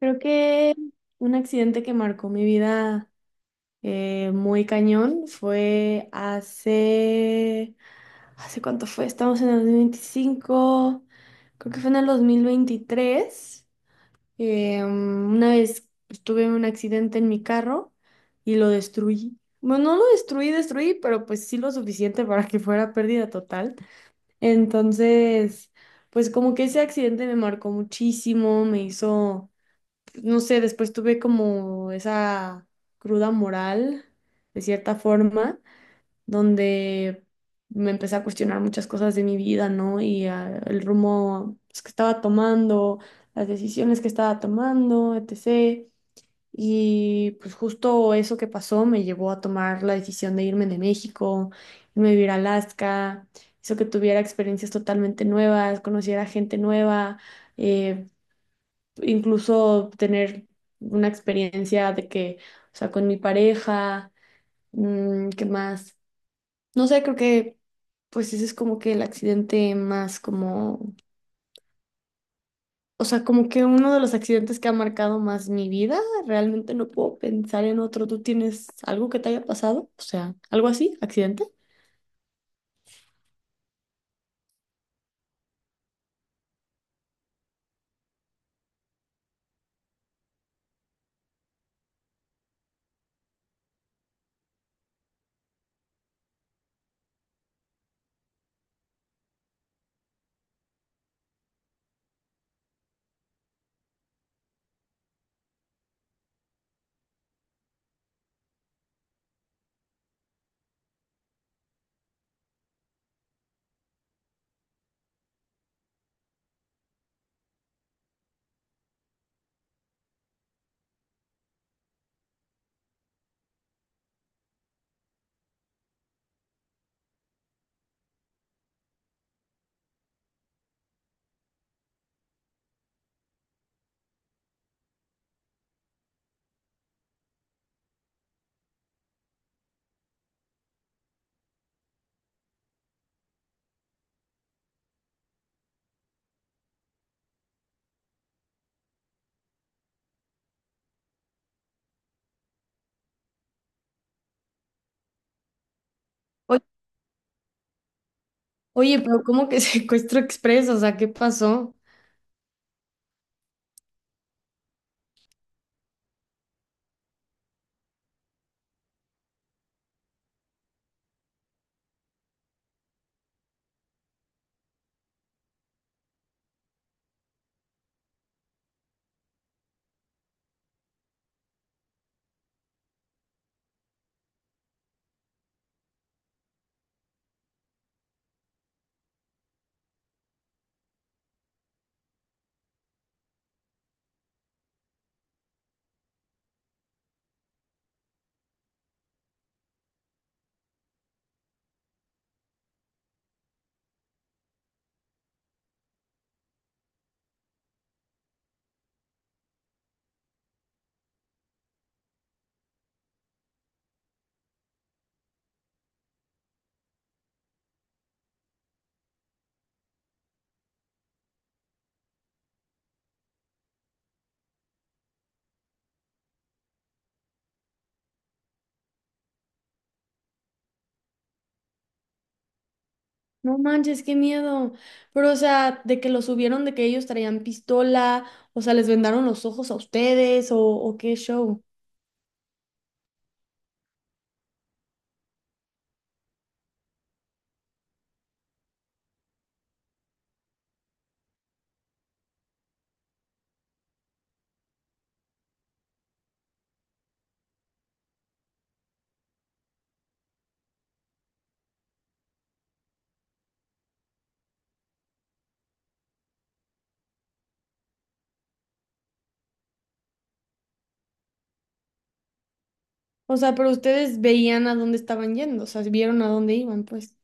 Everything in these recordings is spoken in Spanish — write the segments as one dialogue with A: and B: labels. A: Creo que un accidente que marcó mi vida muy cañón fue hace... ¿Hace cuánto fue? Estamos en el 2025, creo que fue en el 2023. Una vez, pues, tuve un accidente en mi carro y lo destruí. Bueno, no lo destruí, destruí, pero pues sí lo suficiente para que fuera pérdida total. Entonces, pues como que ese accidente me marcó muchísimo, me hizo, no sé, después tuve como esa cruda moral, de cierta forma, donde me empecé a cuestionar muchas cosas de mi vida, ¿no? Y el rumbo, pues, que estaba tomando, las decisiones que estaba tomando, etc. Y pues justo eso que pasó me llevó a tomar la decisión de irme de México, irme a vivir a Alaska, hizo que tuviera experiencias totalmente nuevas, conociera gente nueva, eh, incluso tener una experiencia de que, o sea, con mi pareja, ¿qué más? No sé, creo que pues ese es como que el accidente más como, o sea, como que uno de los accidentes que ha marcado más mi vida, realmente no puedo pensar en otro. ¿Tú tienes algo que te haya pasado? O sea, algo así, accidente. Oye, oye, pero ¿cómo que secuestro expreso? O sea, ¿qué pasó? No manches, qué miedo. Pero, o sea, de que lo subieron, de que ellos traían pistola, o sea, les vendaron los ojos a ustedes, o qué show. O sea, pero ustedes veían a dónde estaban yendo, o sea, vieron a dónde iban, pues.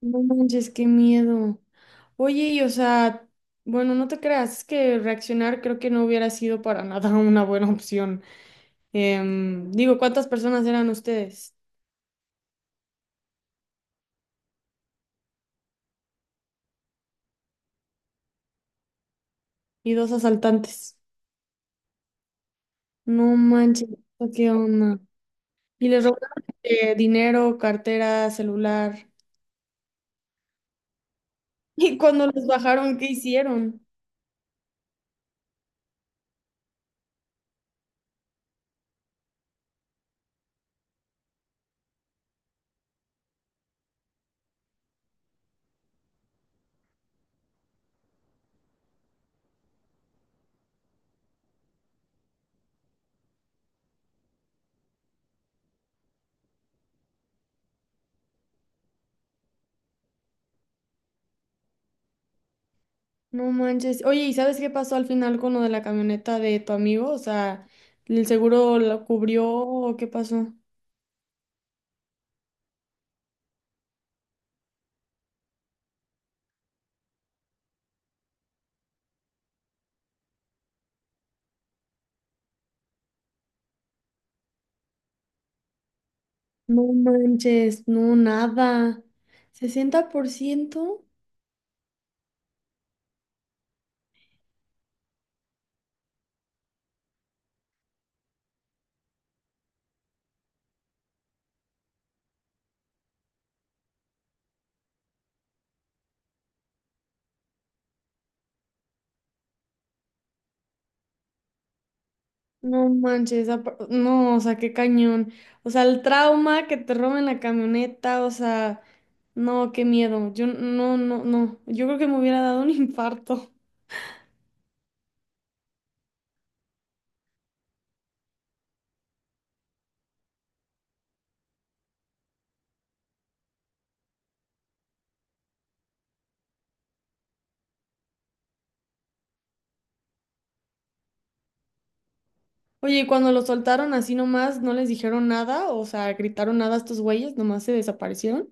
A: No manches, qué miedo. Oye, y o sea, bueno, no te creas, es que reaccionar creo que no hubiera sido para nada una buena opción. Digo, ¿cuántas personas eran ustedes? Y dos asaltantes. No manches, ¿qué onda? Y les robaron dinero, cartera, celular. Y cuando los bajaron, ¿qué hicieron? No manches. Oye, ¿y sabes qué pasó al final con lo de la camioneta de tu amigo? O sea, ¿el seguro lo cubrió o qué pasó? No manches, no, nada. 60%. No manches, no, o sea, qué cañón. O sea, el trauma que te roben la camioneta, o sea, no, qué miedo. Yo no, no, no. Yo creo que me hubiera dado un infarto. Oye, ¿y cuando los soltaron así nomás, no les dijeron nada? O sea, gritaron nada a estos güeyes, nomás se desaparecieron.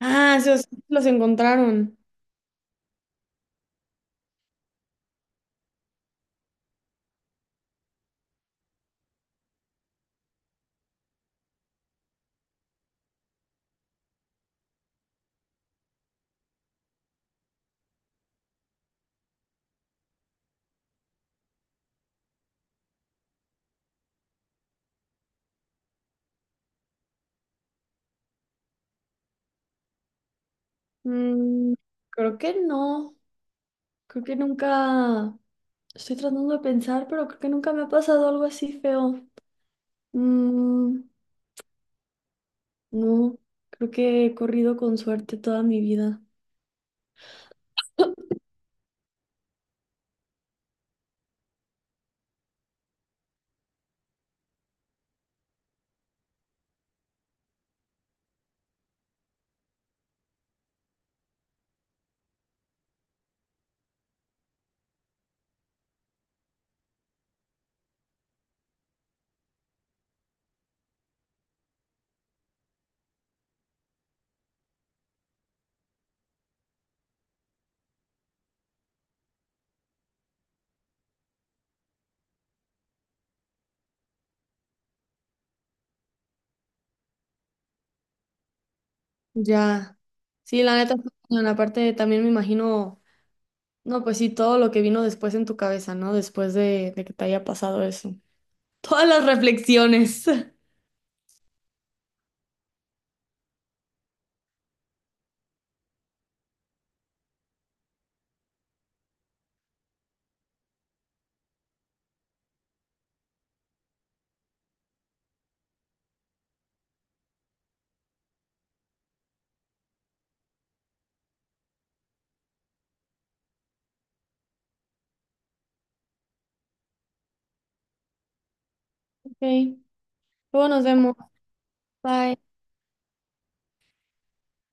A: Ah, sí, o sea, los encontraron. Mm, creo que no. Creo que nunca. Estoy tratando de pensar, pero creo que nunca me ha pasado algo así feo. Mm, no, creo que he corrido con suerte toda mi vida. Ya. Sí, la neta, está cañón. Aparte también me imagino, no, pues sí, todo lo que vino después en tu cabeza, ¿no? Después de que te haya pasado eso. Todas las reflexiones. Ok, luego nos vemos. Bye.